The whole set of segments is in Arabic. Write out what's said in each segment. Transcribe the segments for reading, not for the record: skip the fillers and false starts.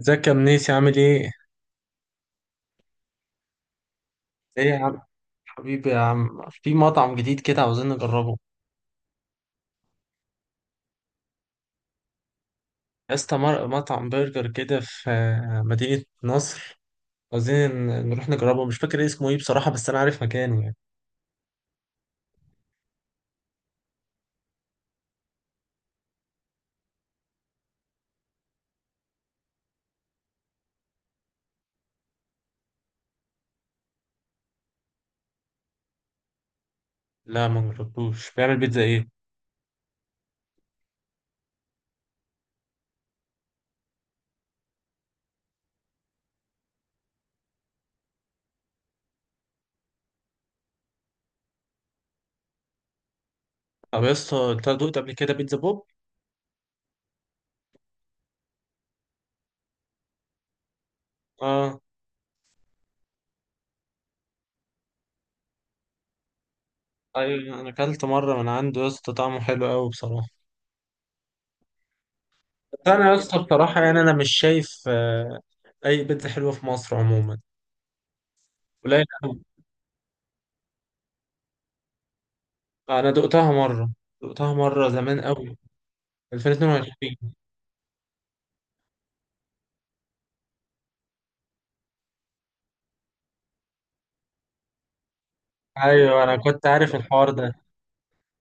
ازيك يا منيسي، عامل ايه؟ ايه يا عم، حبيبي يا عم. في مطعم جديد كده عاوزين نجربه. يا اسطى، مطعم برجر كده في مدينة نصر. عاوزين نروح نجربه، مش فاكر اسمه ايه بصراحة، بس انا عارف مكانه يعني. لا، ما جربتوش. بيعمل بيتزا ايه؟ طب يا اسطى، انت دقت قبل كده بيتزا بوب؟ اه. ايوه، انا اكلت مرة من عنده يا اسطى، طعمه حلو قوي بصراحة. بس انا يا اسطى بصراحة، يعني انا مش شايف اي بيتزا حلوه في مصر عموما. قليل قوي. انا دقتها مرة، دقتها مرة زمان قوي. 2022. ايوه انا كنت عارف الحوار ده.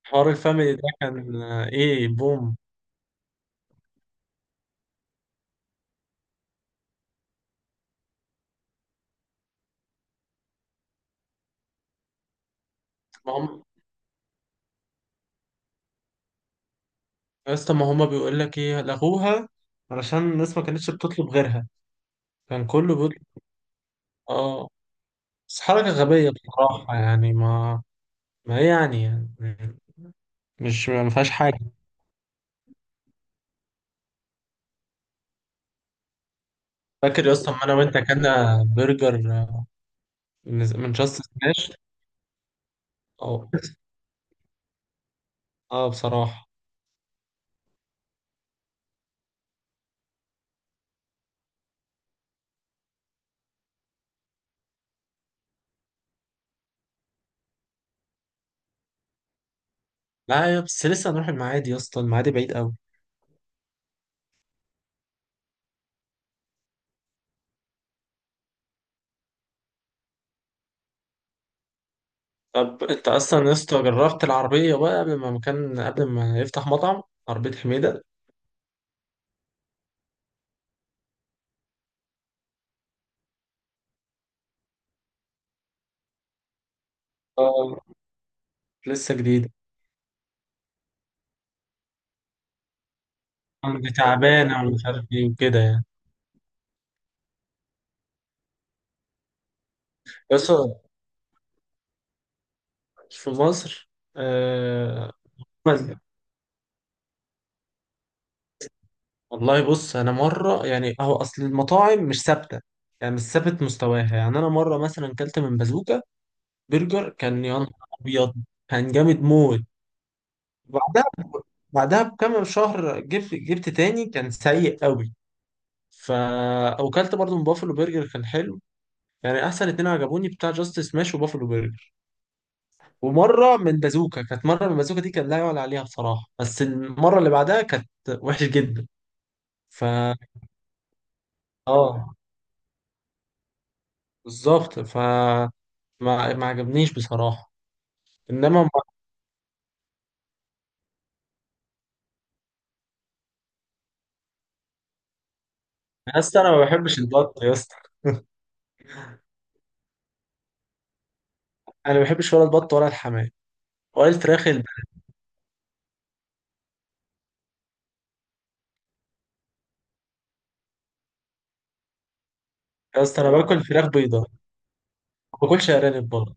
حوار الفاميلي ده كان ايه، بوم. ما هم. يا اسطى، ما هم بيقول لك ايه؟ لغوها علشان الناس ما كانتش بتطلب غيرها. كان كله بيطلب. اه. بس حركة غبية بصراحة يعني. ما ايه يعني يعني؟ مش، ما فيهاش حاجة. فاكر يا اسطى أما انا وانت كنا برجر، من جاست سماش. اه. اه بصراحة. لا يا، بس لسه هنروح المعادي يا اسطى؟ المعادي بعيد قوي. طب انت اصلا يا اسطى جربت العربيه بقى قبل ما قبل ما يفتح مطعم، عربيه حميده. اه، لسه جديده. كان دي تعبانه ومش عارف ايه وكده يعني. يا اسطى، في مصر، آه بس- والله بص، انا مره يعني، هو اصل المطاعم مش ثابته. يعني مش ثابت مستواها، يعني انا مره مثلا كلت من بازوكا. برجر كان يا نهار ابيض، كان جامد موت. بعدها، بعدها بكام شهر جبت تاني، كان سيء قوي. فا وكلت برضو من بافلو برجر، كان حلو. يعني احسن اتنين عجبوني، بتاع جاستس ماش وبافلو برجر. ومره من بازوكا، كانت مره من بازوكا دي كان لا يعلى عليها بصراحه، بس المره اللي بعدها كانت وحشه جدا. فا. اه. بالظبط، فا. ما عجبنيش بصراحه. انما ما- يا اسطى، انا ما بحبش البط يا اسطى. انا ما بحبش ولا البط ولا الحمام ولا الفراخ الب- يا اسطى، انا باكل فراخ بيضاء. ما باكلش ارانب برضه.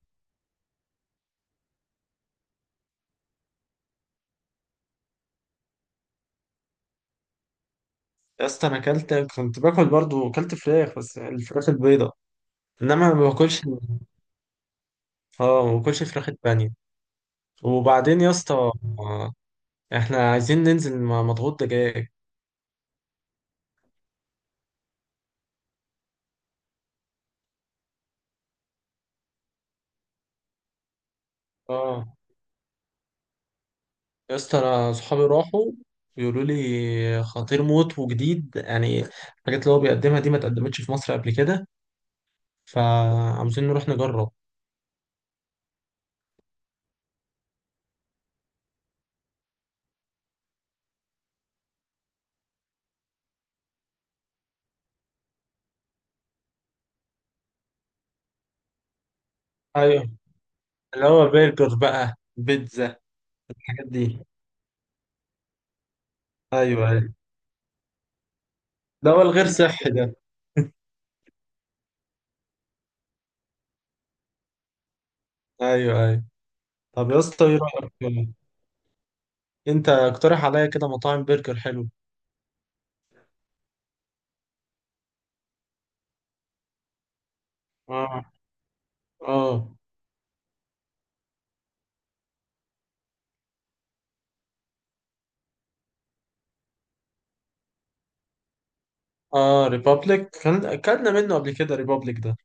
يا اسطى انا اكلت، كنت باكل برضه، اكلت فراخ، بس الفراخ البيضاء. انما ما باكلش. اه، ما باكلش فراخ البانيه. وبعدين يا اسطى، آه، احنا عايزين ننزل مع مضغوط دجاج. اه. يا اسطى، انا صحابي راحوا، بيقولوا لي خطير موت وجديد يعني. الحاجات اللي هو بيقدمها دي ما اتقدمتش في مصر قبل كده، فعاوزين نروح نجرب. ايوه، اللي هو برجر بقى بيتزا. الحاجات دي. ايوه، ايوه. ده هو الغير صحي ده. ايوه، ايوه. طب يا اسطى ايه رايك؟ انت اقترح عليا كده مطاعم برجر حلو. اه. اه. اه، ريبابليك، كان اكلنا منه قبل كده ريبابليك ده.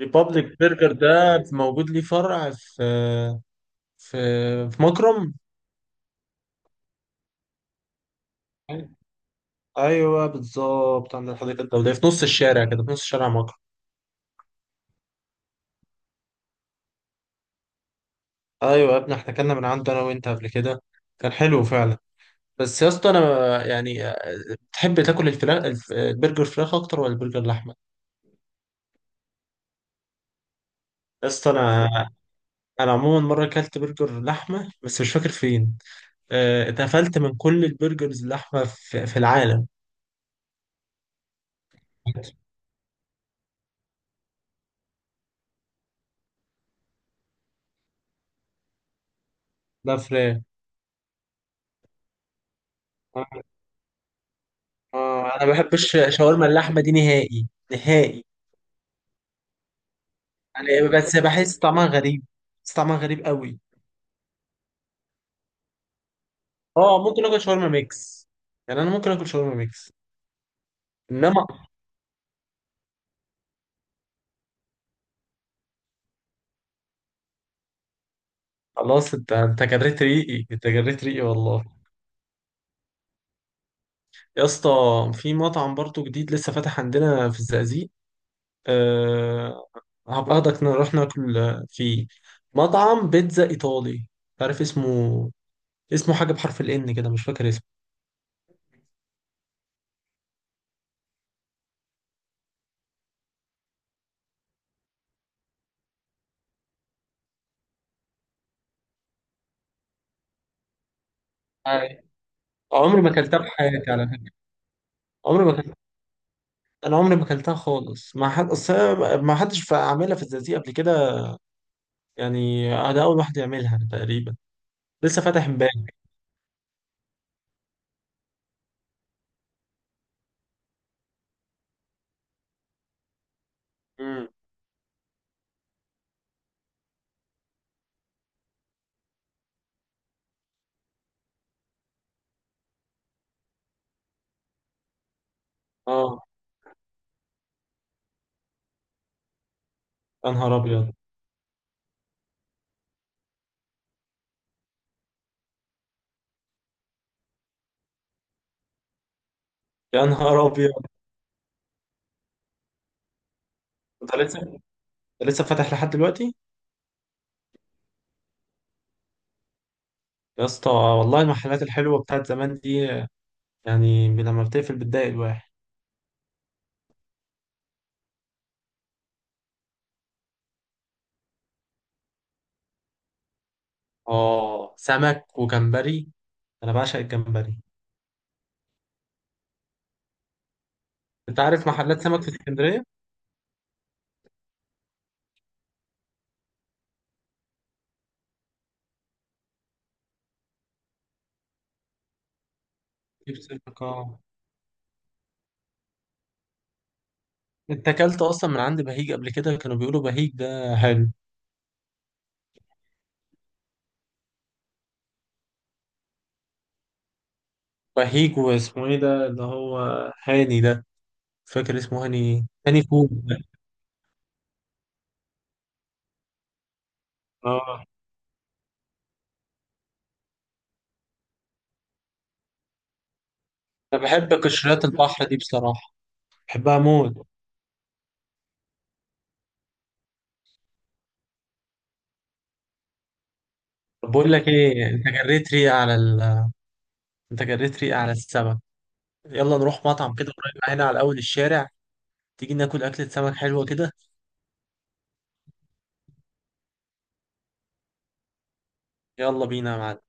ريبابليك برجر ده موجود ليه فرع في في مكرم. ايوه، بالظبط، عند الحديقه الدوليه، في نص الشارع كده، في نص شارع مكرم. ايوه يا ابني، احنا اكلنا من عنده انا وانت قبل كده، كان حلو فعلا. بس يا اسطى انا، يعني تحب تاكل الفراخ، البرجر فراخ اكتر ولا البرجر لحمه؟ يا اسطى، انا عموما مره اكلت برجر لحمه بس مش فاكر فين. اتقفلت من كل البرجرز اللحمه في العالم ده. فراخ. آه. آه، انا ما بحبش شاورما اللحمه دي نهائي نهائي. يعني، بس بحس طعمها غريب، بس طعمها غريب قوي. اه ممكن اكل شاورما ميكس، يعني انا ممكن اكل شاورما ميكس. انما، خلاص، انت جريت ريقي، انت جريت ريقي والله. يا اسطى، في مطعم برضو جديد لسه فاتح عندنا في الزقازيق. أه... هبقى اخدك نروح ناكل فيه. مطعم بيتزا ايطالي، عارف اسمه؟ اسمه حاجه بحرف الان كده، مش فاكر اسمه. عمري ما اكلتها في حياتي على فكره. عمري ما اكلتها. انا عمري ما اكلتها خالص. ما حد، اصل أنا ما حدش عاملها في الزقازيق قبل كده. يعني انا اول واحد يعملها تقريبا. لسه فاتح امبارح. امم. اه. يا نهار ابيض. يا نهار ابيض، انت لسه فاتح لحد دلوقتي؟ يا اسطى والله المحلات الحلوه بتاعت زمان دي، يعني لما بتقفل بتضايق الواحد. اه، سمك وجمبري، انا بعشق الجمبري. انت عارف محلات سمك في اسكندريه؟ جيب سمك، اه. انت اكلت اصلا من عند بهيج قبل كده؟ كانوا بيقولوا بهيج ده حلو. بهيج واسمه ايه ده اللي هو، هاني ده، فاكر اسمه هاني ايه؟ هاني فوق ده. اه، انا بحب قشريات البحر دي بصراحه، بحبها موت. طب بقول لك ايه، انت جريت ريقة على السمك. يلا نروح مطعم كده قريب هنا على اول الشارع، تيجي ناكل اكلة سمك حلوة كده. يلا بينا يا معلم.